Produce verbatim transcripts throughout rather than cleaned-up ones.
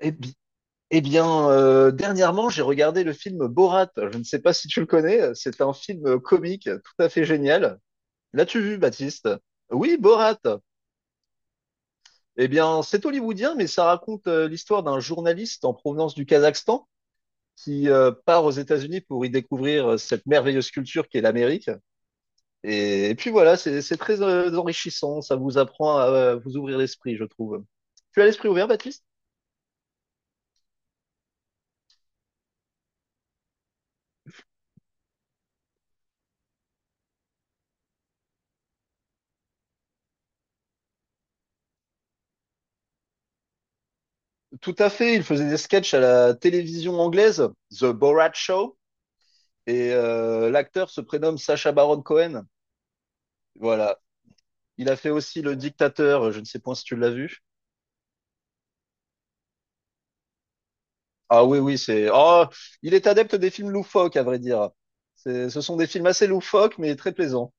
Eh, bi- eh bien, euh, dernièrement, j'ai regardé le film Borat. Je ne sais pas si tu le connais. C'est un film euh, comique tout à fait génial. L'as-tu vu, Baptiste? Oui, Borat. Eh bien, c'est hollywoodien, mais ça raconte euh, l'histoire d'un journaliste en provenance du Kazakhstan qui euh, part aux États-Unis pour y découvrir euh, cette merveilleuse culture qu'est l'Amérique. Et, et puis voilà, c'est c'est très euh, enrichissant. Ça vous apprend à euh, vous ouvrir l'esprit, je trouve. Tu as l'esprit ouvert, Baptiste? Tout à fait, il faisait des sketchs à la télévision anglaise, The Borat Show, et euh, l'acteur se prénomme Sacha Baron Cohen. Voilà. Il a fait aussi Le Dictateur, je ne sais point si tu l'as vu. Ah oui, oui, c'est. Oh, il est adepte des films loufoques, à vrai dire. C'est- Ce sont des films assez loufoques, mais très plaisants.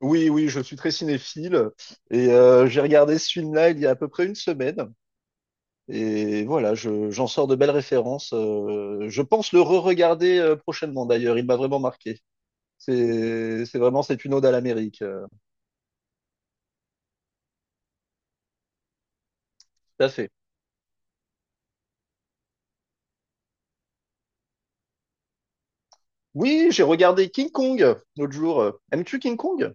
Oui, oui, je suis très cinéphile et euh, j'ai regardé ce film-là il y a à peu près une semaine et voilà, je, j'en sors de belles références. Euh, je pense le re-regarder euh, prochainement d'ailleurs, il m'a vraiment marqué. C'est c'est vraiment, c'est une ode à l'Amérique. euh, Tout à fait. Oui, j'ai regardé King Kong l'autre jour. euh. Aimes-tu King Kong?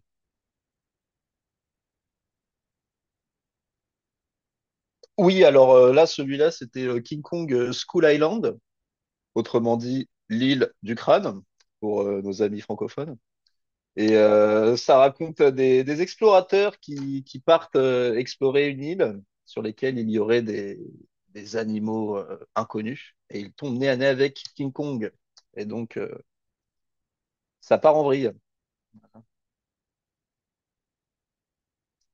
Oui, alors euh, là, celui-là, c'était euh, King Kong euh, School Island, autrement dit l'île du crâne, pour euh, nos amis francophones. Et euh, ça raconte euh, des, des explorateurs qui, qui partent euh, explorer une île sur lesquelles il y aurait des, des animaux euh, inconnus. Et ils tombent nez à nez avec King Kong. Et donc, euh, ça part en vrille.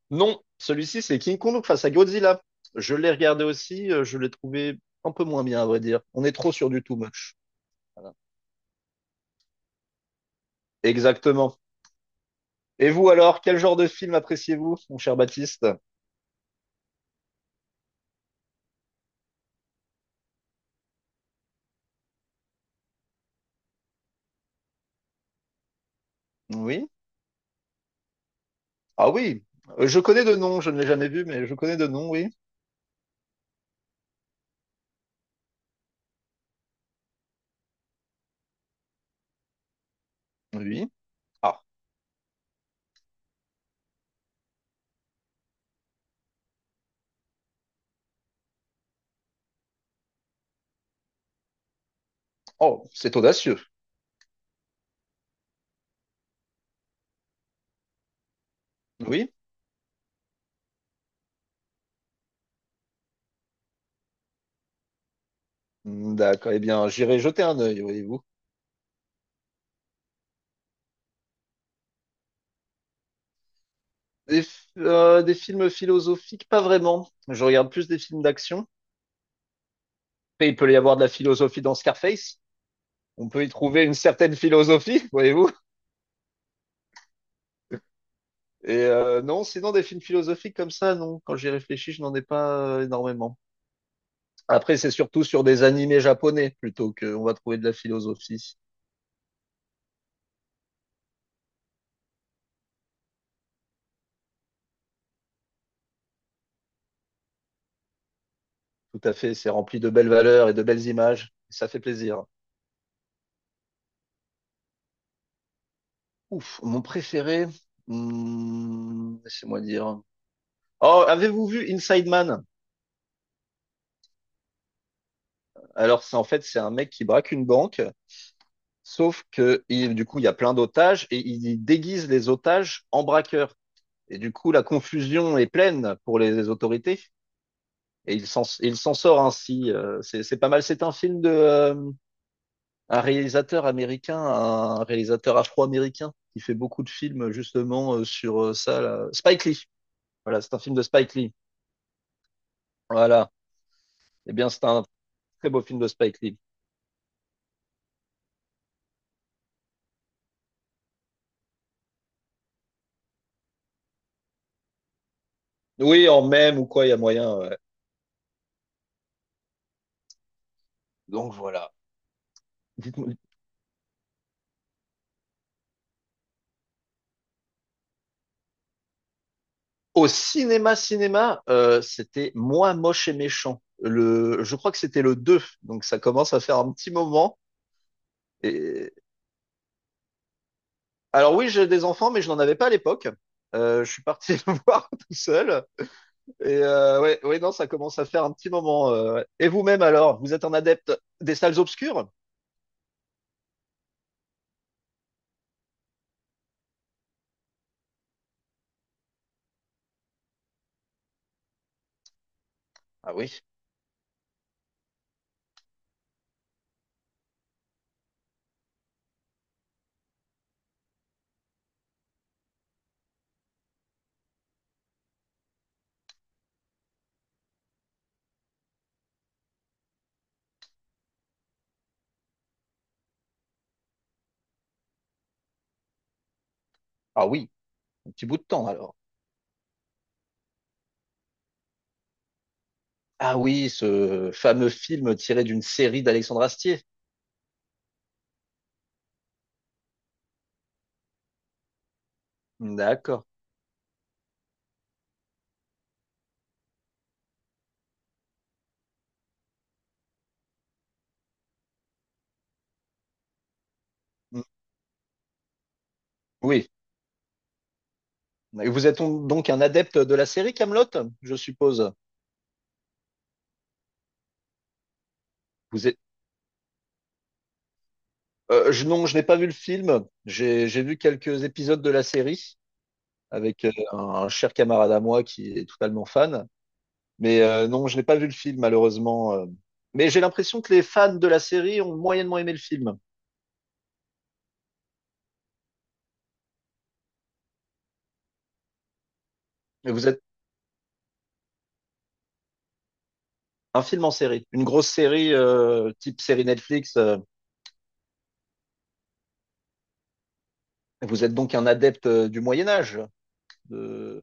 Non, celui-ci, c'est King Kong face à Godzilla. Je l'ai regardé aussi, euh, je l'ai trouvé un peu moins bien, à vrai dire. On est trop sur du too much. Voilà. Exactement. Et vous alors, quel genre de film appréciez-vous, mon cher Baptiste? Oui? Ah oui, Euh, je connais de nom, je ne l'ai jamais vu, mais je connais de nom, oui. Oui. Ah, oh, c'est audacieux. Oui? Hmm, D'accord, eh bien, j'irai jeter un œil, voyez-vous. Des, f- euh, des films philosophiques, pas vraiment. Je regarde plus des films d'action. Après, il peut y avoir de la philosophie dans Scarface. On peut y trouver une certaine philosophie, voyez-vous. Et euh, non, sinon des films philosophiques comme ça, non. Quand j'y réfléchis, je n'en ai pas euh, énormément. Après, c'est surtout sur des animés japonais plutôt qu'on va trouver de la philosophie. Tout à fait, c'est rempli de belles valeurs et de belles images. Ça fait plaisir. Ouf, mon préféré, hmm, laissez-moi dire. Oh, avez-vous vu Inside Man? Alors, c'est en fait, c'est un mec qui braque une banque, sauf que il- du coup, il y a plein d'otages et il déguise les otages en braqueurs. Et du coup, la confusion est pleine pour les, les autorités. Et il s'en il s'en sort ainsi. euh, c'est c'est pas mal. C'est un film de euh, un réalisateur américain, un réalisateur afro-américain qui fait beaucoup de films justement euh, sur euh, ça. Là. Spike Lee. Voilà, c'est un film de Spike Lee. Voilà. Eh bien, c'est un très beau film de Spike Lee. Oui, en même ou quoi, il y a moyen. Ouais. Donc voilà. Dites-moi. Au cinéma, cinéma, euh, c'était Moi, moche et méchant. Le, je crois que c'était le deux. Donc ça commence à faire un petit moment. Et... Alors oui, j'ai des enfants, mais je n'en avais pas à l'époque. Euh, je suis parti le voir tout seul. Et euh, ouais, ouais, non, ça commence à faire un petit moment. euh, ouais. Et vous-même alors, vous êtes un adepte des salles obscures? Ah oui, ah oui, un petit bout de temps alors. Ah oui, ce fameux film tiré d'une série d'Alexandre Astier. D'accord. Mm. Oui. Et vous êtes on- donc un adepte de la série Kaamelott, je suppose. Vous êtes... Euh, je, non, je n'ai pas vu le film. J'ai, j'ai vu quelques épisodes de la série. Avec euh, un, un cher camarade à moi qui est totalement fan. Mais euh, non, je n'ai pas vu le film, malheureusement. euh. Mais j'ai l'impression que les fans de la série ont moyennement aimé le film. Et vous êtes un film en série, une grosse série euh, type série Netflix. euh. Vous êtes donc un adepte euh, du Moyen Âge. De-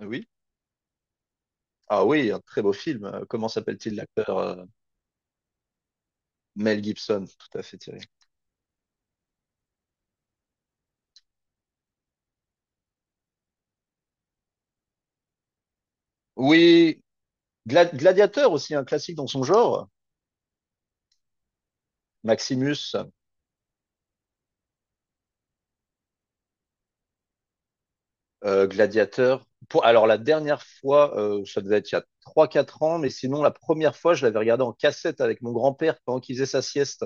Oui. Ah oui, un très beau film. Euh, Comment s'appelle-t-il l'acteur euh, Mel Gibson, tout à fait, Thierry. Oui, Gla- Gladiateur aussi, un classique dans son genre. Maximus. euh, Gladiateur. Pour, alors la dernière fois, euh, ça devait être il y a trois quatre ans, mais sinon la première fois, je l'avais regardé en cassette avec mon grand-père pendant qu'il faisait sa sieste.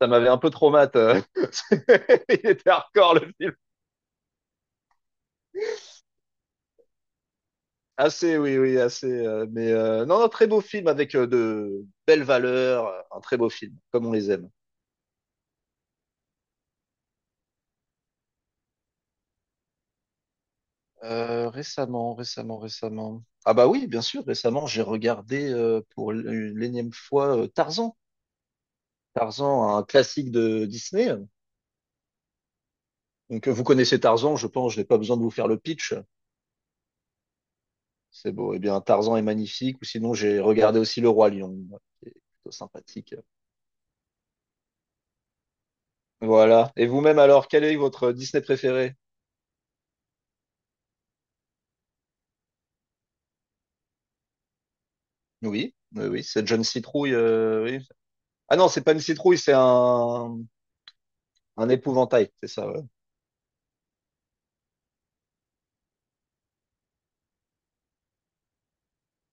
Ça m'avait un peu traumatisé. euh. Il était hardcore le film. Assez, oui, oui, assez. euh, mais euh, non, non, très beau film avec euh, de belles valeurs, euh, un très beau film, comme on les aime. Euh, récemment, récemment, récemment. Ah bah oui, bien sûr, récemment, j'ai regardé euh, pour l- l'énième fois euh, Tarzan. Tarzan, un classique de Disney. Donc, euh, vous connaissez Tarzan, je pense, je n'ai pas besoin de vous faire le pitch. C'est beau. Eh bien, Tarzan est magnifique. Ou sinon, j'ai regardé aussi Le Roi Lion, qui est plutôt sympathique. Voilà. Et vous-même, alors, quel est votre Disney préféré? Oui, oui, oui, cette jeune citrouille. euh, oui. Ah non, c'est pas une citrouille, c'est un, un épouvantail, c'est ça. Ouais.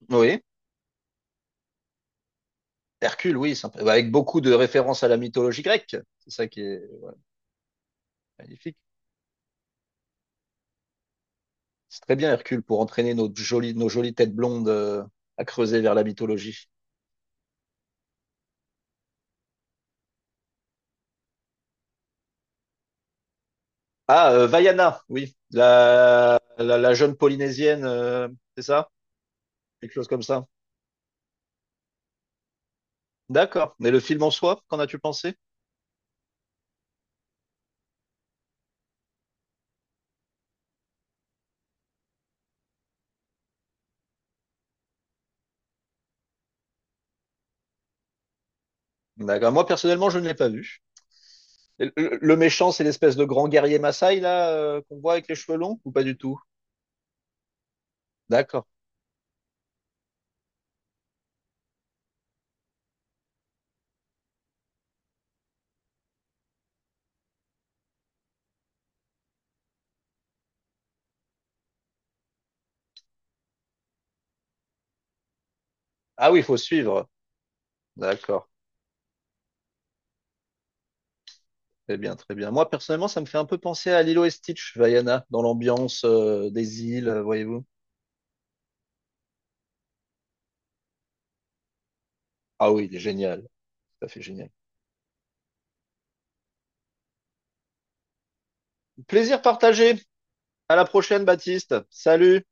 Oui. Hercule, oui, sympa. Bah, avec beaucoup de références à la mythologie grecque. C'est ça qui est magnifique. C'est très bien, Hercule, pour entraîner nos jolies, nos jolies têtes blondes euh, à creuser vers la mythologie. Ah, euh, Vaiana, oui, la, la, la jeune Polynésienne, euh, c'est ça? Quelque chose comme ça. D'accord. Mais le film en soi, qu'en as-tu pensé? D'accord. Moi, personnellement, je ne l'ai pas vu. Le, le méchant, c'est l'espèce de grand guerrier Maasai, là, euh, qu'on voit avec les cheveux longs, ou pas du tout? D'accord. Ah oui, il faut suivre. D'accord. Très bien, très bien. Moi, personnellement, ça me fait un peu penser à Lilo et Stitch, Vaiana, dans l'ambiance, euh, des îles, euh, voyez-vous. Ah oui, il est génial. Ça fait génial. Plaisir partagé. À la prochaine, Baptiste. Salut.